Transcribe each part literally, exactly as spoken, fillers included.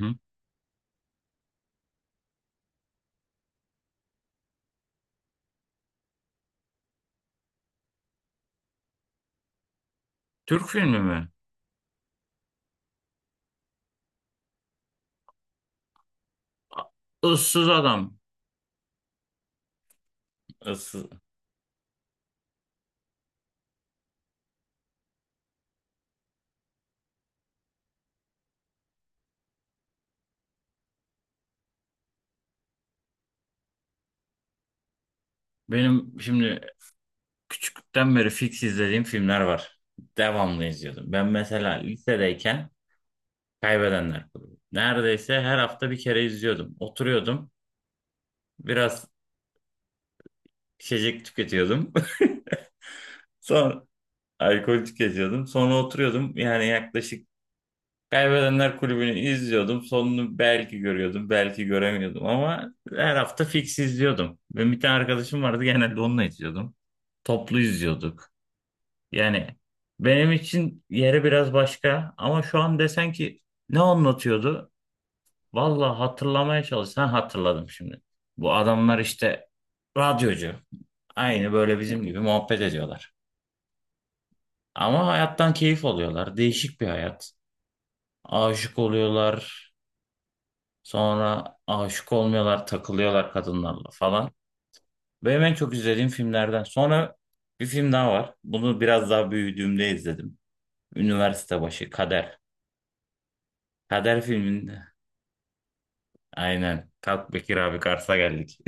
Hı? Türk filmi mi? A- Issız Adam. Issız. Benim şimdi küçükten beri fix izlediğim filmler var. Devamlı izliyordum. Ben mesela lisedeyken Kaybedenler Kulübü. Neredeyse her hafta bir kere izliyordum. Oturuyordum. Biraz içecek tüketiyordum. Sonra alkol tüketiyordum. Sonra oturuyordum. Yani yaklaşık Kaybedenler Kulübü'nü izliyordum. Sonunu belki görüyordum, belki göremiyordum ama her hafta fix izliyordum. Benim bir tane arkadaşım vardı genelde onunla izliyordum. Toplu izliyorduk. Yani benim için yeri biraz başka ama şu an desen ki ne anlatıyordu? Vallahi hatırlamaya çalışsan hatırladım şimdi. Bu adamlar işte radyocu. Aynı böyle bizim gibi muhabbet ediyorlar. Ama hayattan keyif alıyorlar. Değişik bir hayat. Aşık oluyorlar. Sonra aşık olmuyorlar, takılıyorlar kadınlarla falan. Benim en çok izlediğim filmlerden. Sonra bir film daha var. Bunu biraz daha büyüdüğümde izledim. Üniversite başı Kader. Kader filminde. Aynen. Kalk Bekir abi Kars'a geldik.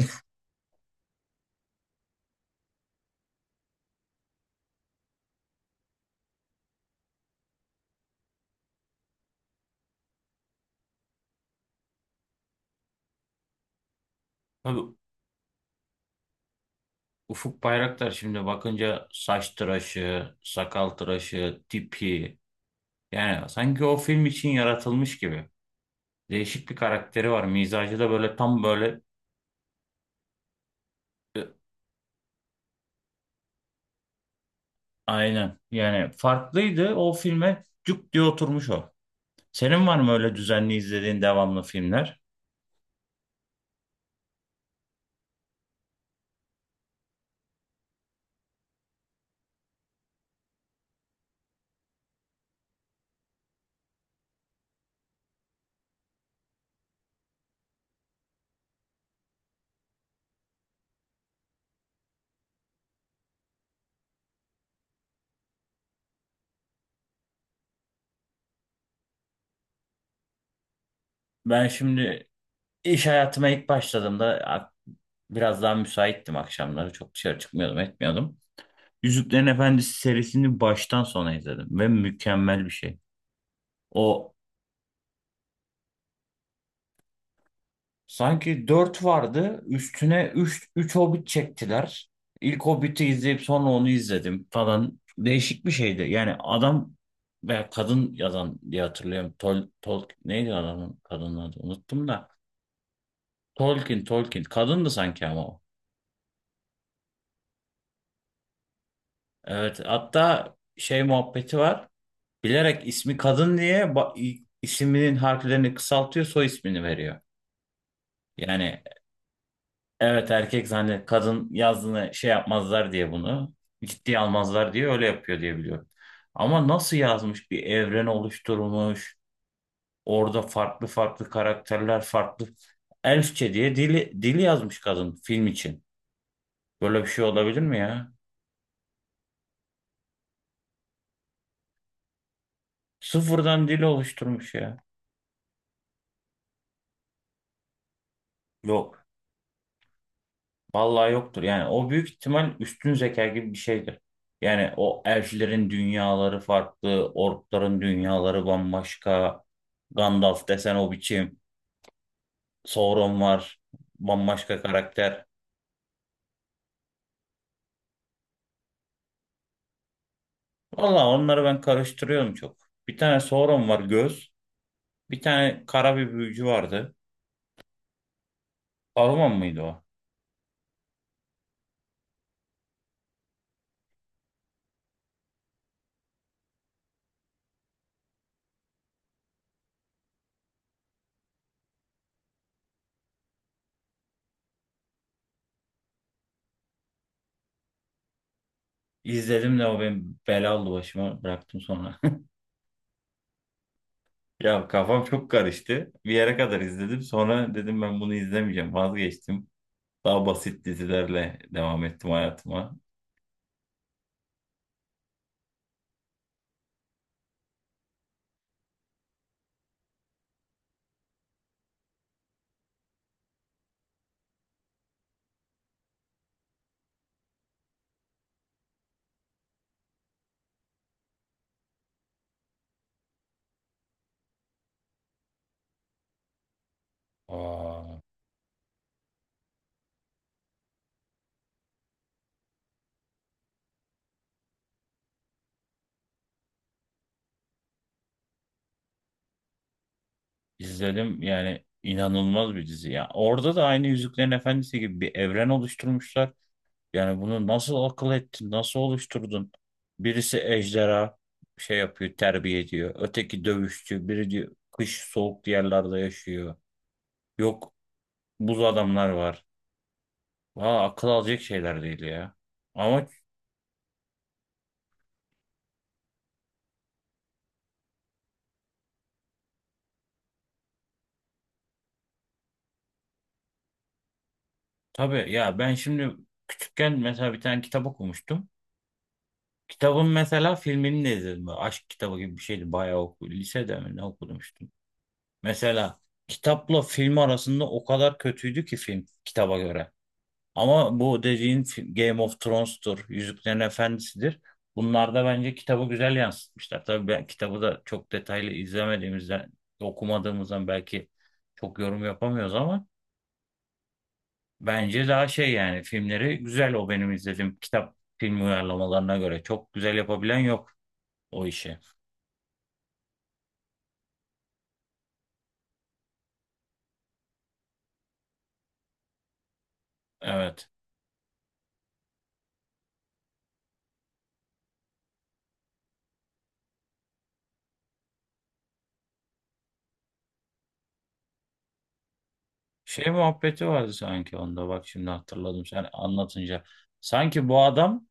Tabii Ufuk Bayraktar şimdi bakınca saç tıraşı, sakal tıraşı, tipi. Yani sanki o film için yaratılmış gibi. Değişik bir karakteri var. Mizacı da böyle tam böyle. Aynen. Yani farklıydı. O filme cuk diye oturmuş o. Senin var mı öyle düzenli izlediğin devamlı filmler? Ben şimdi iş hayatıma ilk başladığımda a- biraz daha müsaittim akşamları. Çok dışarı çıkmıyordum, etmiyordum. Yüzüklerin Efendisi serisini baştan sona izledim ve mükemmel bir şey. O Sanki dört vardı. Üstüne üç 3 Hobbit çektiler. İlk Hobbit'i izleyip sonra onu izledim falan. Değişik bir şeydi. Yani adam veya kadın yazan diye hatırlıyorum. Tol, Tol neydi adamın kadının adı? Unuttum da. Tolkien, Tolkien. Kadındı sanki ama o. Evet, hatta şey muhabbeti var. Bilerek ismi kadın diye ba- i- isminin harflerini kısaltıyor, soy ismini veriyor. Yani evet, erkek zannet kadın yazdığını şey yapmazlar diye bunu ciddiye almazlar diye öyle yapıyor diye biliyorum. Ama nasıl yazmış bir evren oluşturmuş orada farklı farklı karakterler farklı elfçe diye dili, dili yazmış kadın film için. Böyle bir şey olabilir mi ya? Sıfırdan dili oluşturmuş ya. Yok. Vallahi yoktur. Yani o büyük ihtimal üstün zeka gibi bir şeydir. Yani o elflerin dünyaları farklı, orkların dünyaları bambaşka. Gandalf desen o biçim. Sauron var, bambaşka karakter. Vallahi onları ben karıştırıyorum çok. Bir tane Sauron var, göz. Bir tane kara bir büyücü vardı. Saruman mıydı o? İzledim de o benim bela oldu başıma, bıraktım sonra. Ya kafam çok karıştı. Bir yere kadar izledim. Sonra dedim ben bunu izlemeyeceğim. Vazgeçtim. Daha basit dizilerle devam ettim hayatıma. Aa, izledim yani inanılmaz bir dizi ya. Orada da aynı Yüzüklerin Efendisi gibi bir evren oluşturmuşlar. Yani bunu nasıl akıl ettin, nasıl oluşturdun? Birisi ejderha şey yapıyor, terbiye ediyor. Öteki dövüşçü, biri diyor, kış soğuk yerlerde yaşıyor. Yok, buz adamlar var. Valla akıl alacak şeyler değil ya. Ama tabii ya, ben şimdi küçükken mesela bir tane kitap okumuştum. Kitabın mesela filmini de izledim. Böyle aşk kitabı gibi bir şeydi. Bayağı oku lisede mi ne okumuştum. Mesela kitapla film arasında o kadar kötüydü ki film kitaba göre. Ama bu dediğin film, Game of Thrones'tur, Yüzüklerin Efendisi'dir. Bunlarda bence kitabı güzel yansıtmışlar. Tabii ben kitabı da çok detaylı izlemediğimizden, okumadığımızdan belki çok yorum yapamıyoruz ama bence daha şey, yani filmleri güzel o benim izlediğim kitap film uyarlamalarına göre. Çok güzel yapabilen yok o işi. Evet. Şey muhabbeti vardı sanki onda, bak şimdi hatırladım sen anlatınca. Sanki bu adam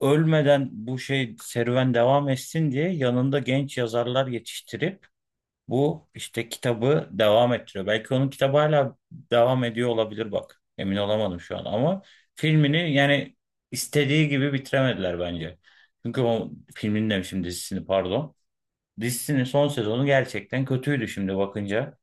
ölmeden bu şey serüven devam etsin diye yanında genç yazarlar yetiştirip bu işte kitabı devam ettiriyor. Belki onun kitabı hala devam ediyor olabilir bak. Emin olamadım şu an ama filmini yani istediği gibi bitiremediler bence. Çünkü o filmin demişim, dizisini pardon. Dizisinin son sezonu gerçekten kötüydü şimdi bakınca.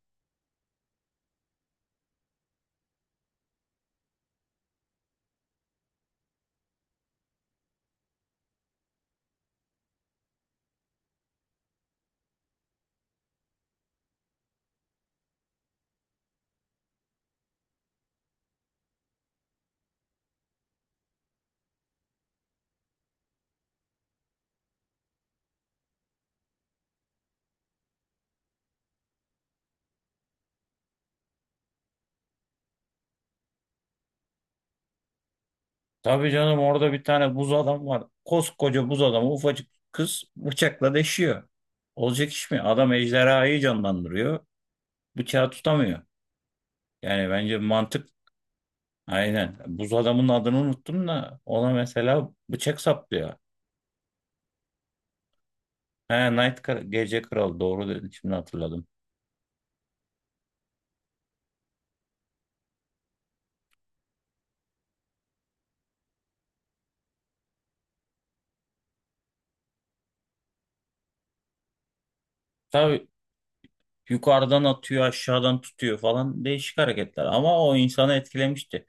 Tabii canım, orada bir tane buz adam var. Koskoca buz adamı ufacık kız bıçakla deşiyor. Olacak iş mi? Adam ejderhayı canlandırıyor. Bıçağı tutamıyor. Yani bence mantık aynen. Buz adamın adını unuttum da ona mesela bıçak saplıyor. He, Night Kra- Gece Kralı, doğru dedin şimdi hatırladım. Tabii yukarıdan atıyor aşağıdan tutuyor falan, değişik hareketler. Ama o insanı etkilemişti.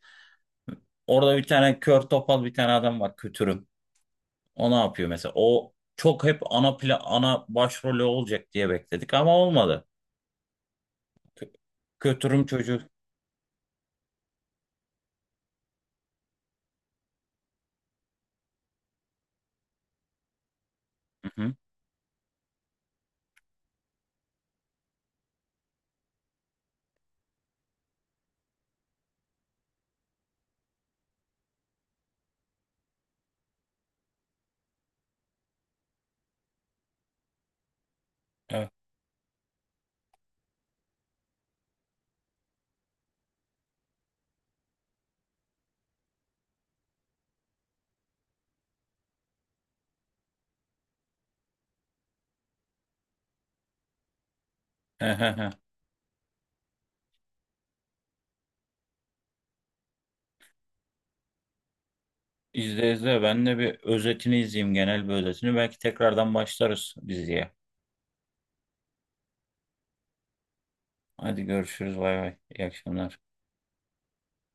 Orada bir tane kör topal bir tane adam var, kötürüm. O ne yapıyor mesela? O çok hep ana pla ana başrolü olacak diye bekledik ama olmadı. Kö- Kötürüm çocuğu. Hı hı. Evet. He he he. İzle izle. Ben de bir özetini izleyeyim. Genel bir özetini. Belki tekrardan başlarız diziye. Hadi görüşürüz. Bay bay. İyi akşamlar.